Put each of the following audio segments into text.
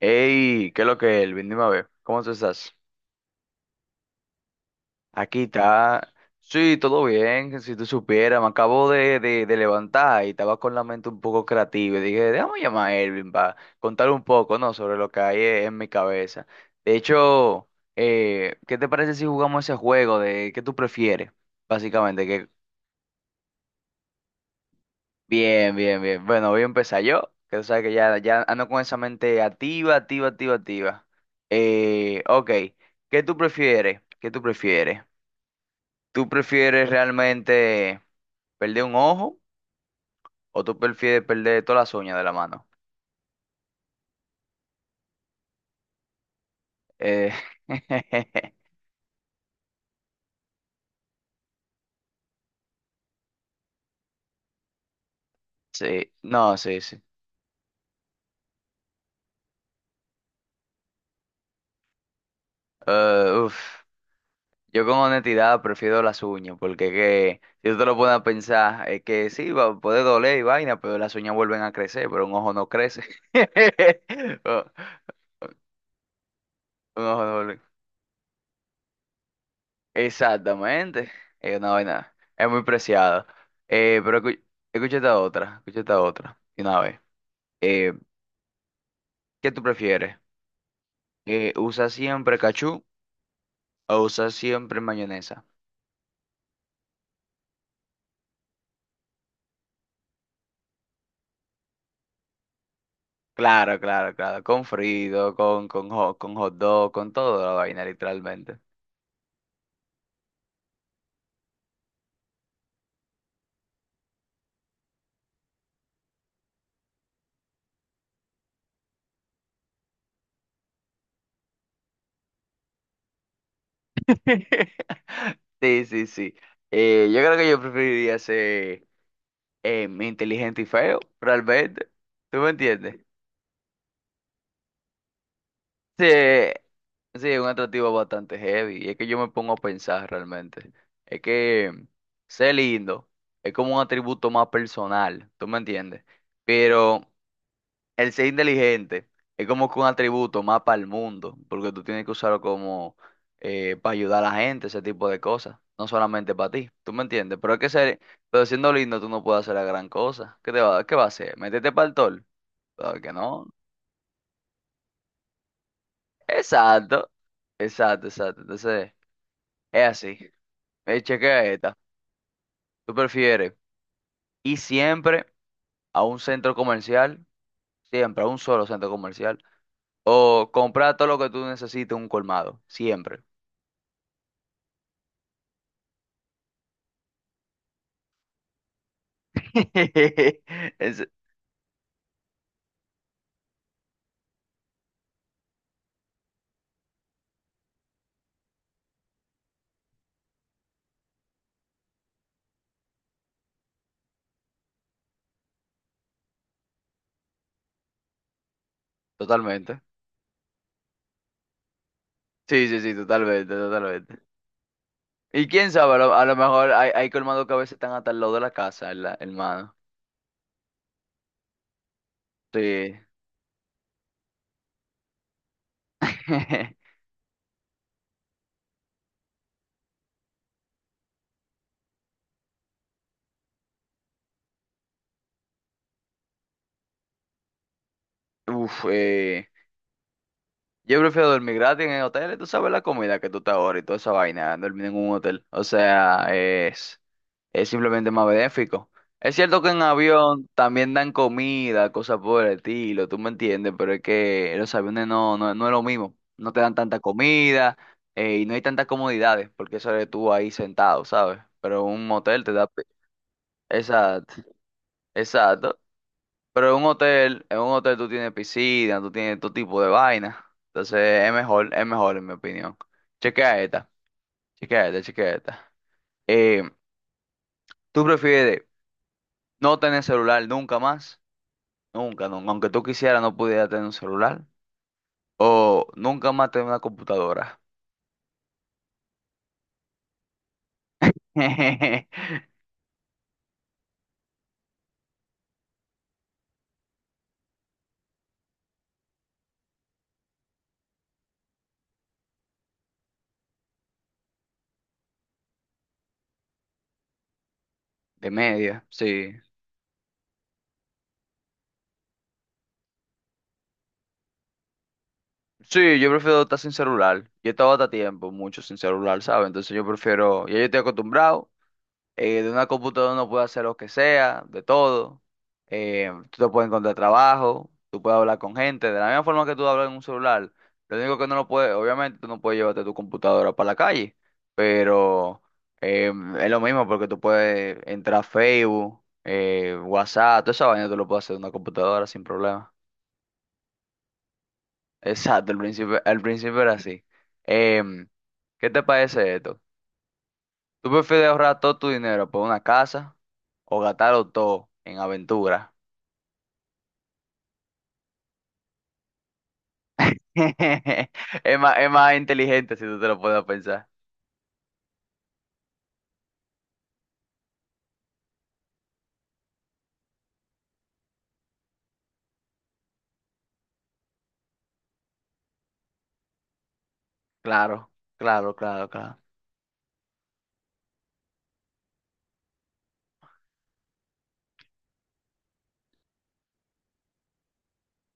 Hey, ¿qué es lo que es, Elvin? Dime a ver, ¿cómo tú estás? Aquí está. Sí, todo bien, si tú supieras, me acabo de levantar y estaba con la mente un poco creativa y dije, déjame llamar a Elvin para contar un poco, ¿no? Sobre lo que hay en mi cabeza. De hecho, ¿qué te parece si jugamos ese juego de qué tú prefieres? Básicamente, que bien, bien, bien. Bueno, voy a empezar yo, que tú sabes que ya, ya ando con esa mente activa, activa, activa, activa. Ok, ¿qué tú prefieres? ¿Qué tú prefieres? ¿Tú prefieres realmente perder un ojo o tú prefieres perder todas las uñas de la mano? Eh, sí, no, sí, sí. Uf. Yo con honestidad prefiero las uñas, porque que, si tú te lo pones a pensar, es que sí, va, puede doler y vaina, pero las uñas vuelven a crecer, pero un ojo no crece. Un ojo no vuelve. Exactamente. Es una vaina, es muy preciada. Pero escucha esta otra, de una vez. Eh, ¿Qué tú prefieres? ¿Usa siempre cachú o usa siempre mayonesa? Claro, claro, claro, con frito, con con hot dog, con toda la vaina, literalmente. Sí, sí, sí. Yo creo que yo preferiría ser inteligente y feo, realmente. ¿Tú me entiendes? Sí, sí, es un atractivo bastante heavy. Y es que yo me pongo a pensar realmente. Es que ser lindo es como un atributo más personal, ¿tú me entiendes? Pero el ser inteligente es como que un atributo más para el mundo, porque tú tienes que usarlo como para ayudar a la gente, ese tipo de cosas, no solamente para ti, ¿tú me entiendes? Pero es que ser, pero siendo lindo tú no puedes hacer la gran cosa. ¿Qué te va, qué va a hacer? ¿Meterte para el tol? Claro que no. Exacto, exacto, exacto. Entonces, es así. Chequea esta. ¿Tú prefieres ir siempre a un centro comercial, siempre a un solo centro comercial, o comprar todo lo que tú necesites en un colmado, siempre? Es- totalmente. Sí, sí, sí, totalmente, totalmente. Y quién sabe, a lo mejor hay, hay colmados que a veces están hasta al lado de la casa, el mano sí. Uf, yo prefiero dormir gratis en el hotel, tú sabes la comida que tú te ahorras y toda esa vaina, dormir en un hotel. O sea, es simplemente más benéfico. Es cierto que en avión también dan comida, cosas por el estilo, tú me entiendes, pero es que en los aviones no es lo mismo. No te dan tanta comida y no hay tantas comodidades, porque eso eres tú ahí sentado, ¿sabes? Pero un motel te da pi- exacto, exacto. Pero en un hotel tú tienes piscina, tú tienes todo tipo de vaina. Entonces es mejor en mi opinión. Chequea esta, chequea esta, chequea esta. Eh, ¿Tú prefieres no tener celular nunca más? Nunca, nunca. Aunque tú quisieras, no pudieras tener un celular. O nunca más tener una computadora. De media, sí. Sí, yo prefiero estar sin celular. Yo he estado hasta tiempo, mucho sin celular, ¿sabes? Entonces yo prefiero, ya yo estoy acostumbrado. De una computadora uno puede hacer lo que sea, de todo. Tú te puedes encontrar trabajo, tú puedes hablar con gente, de la misma forma que tú hablas en un celular. Lo único que no lo puedes, obviamente tú no puedes llevarte tu computadora para la calle, pero eh, es lo mismo porque tú puedes entrar a Facebook, WhatsApp, toda esa vaina tú lo puedes hacer en una computadora sin problema. Exacto, al principio era así. Em, ¿Qué te parece esto? ¿Tú prefieres ahorrar todo tu dinero por una casa? O gastarlo todo en aventura. Es más inteligente si tú te lo puedes pensar. Claro, claro, claro, claro.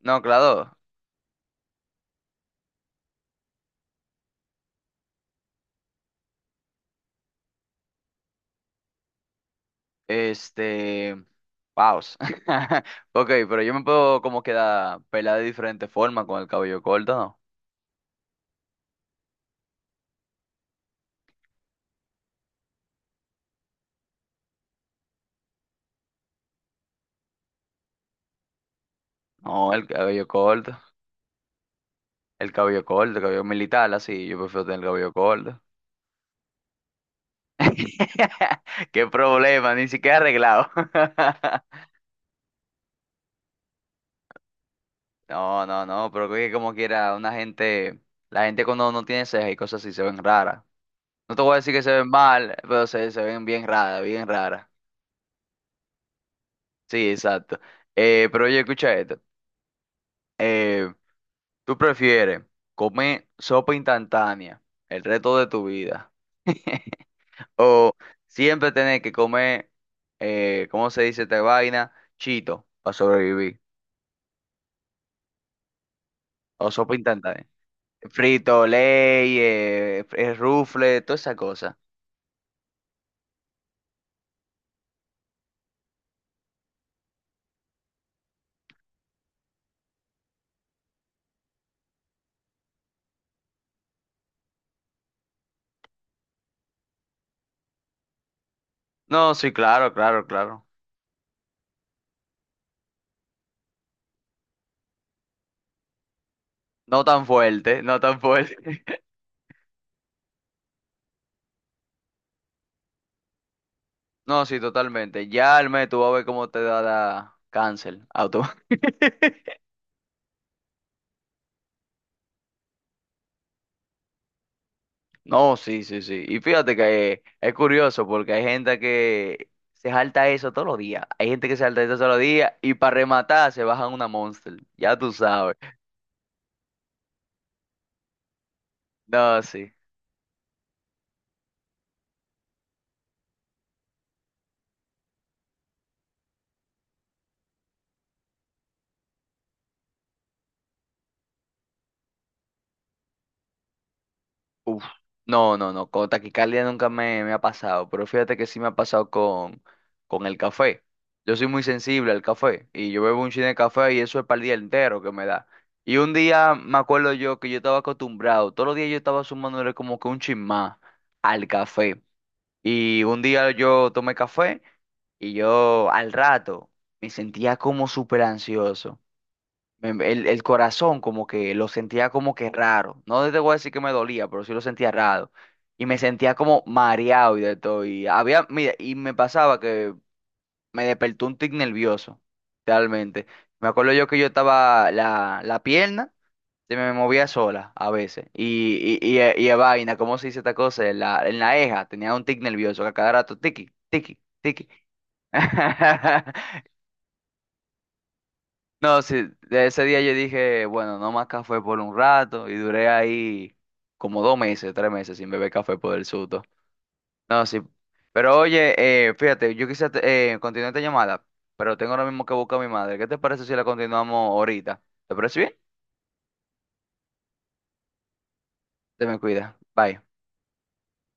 No, claro. Este. Paus. Ok, pero yo me puedo como quedar pelada de diferente forma con el cabello corto, ¿no? No, el cabello corto. El cabello corto, el cabello militar, así. Yo prefiero tener el cabello corto. Qué problema, ni siquiera arreglado. No, no, no, pero que como quiera, una gente, la gente cuando no tiene cejas y cosas así se ven raras. No te voy a decir que se ven mal, pero se ven bien raras, bien raras. Sí, exacto. Pero oye, escucha esto. Eh, ¿Tú prefieres comer sopa instantánea el resto de tu vida? O siempre tener que comer, ¿cómo se dice esta vaina? Chito, para sobrevivir. O sopa instantánea. Frito, ley, rufle, toda esa cosa. No, sí, claro, claro, claro. No tan fuerte, no tan fuerte. No, sí, totalmente. Ya el mes tú vas a ver cómo te da la cáncer auto. No, sí, sí, sí. Y fíjate que es curioso porque hay gente que se salta eso todos los días. Hay gente que se salta eso todos los días y para rematar se bajan una Monster. Ya tú sabes. No, sí. Uf, no, no, no, con taquicardia nunca me ha pasado, pero fíjate que sí me ha pasado con el café. Yo soy muy sensible al café y yo bebo un chin de café y eso es para el día entero que me da. Y un día me acuerdo yo que yo estaba acostumbrado, todos los días yo estaba sumándole como que un chin más al café. Y un día yo tomé café y yo al rato me sentía como súper ansioso el corazón como que lo sentía como que raro. No te voy a decir que me dolía, pero sí lo sentía raro. Y me sentía como mareado y de todo. Y había, mira, y me pasaba que me despertó un tic nervioso, realmente. Me acuerdo yo que yo estaba, la pierna se me movía sola a veces. Y vaina, ¿cómo se dice esta cosa? En la eja tenía un tic nervioso, que a cada rato, tiqui, tiqui, tiqui. No, sí, de ese día yo dije, bueno, no más café por un rato y duré ahí como 2 meses, 3 meses sin beber café por el susto. No, sí. Pero oye, fíjate, yo quise continuar esta llamada, pero tengo ahora mismo que buscar a mi madre. ¿Qué te parece si la continuamos ahorita? ¿Te parece bien? Te me cuida. Bye.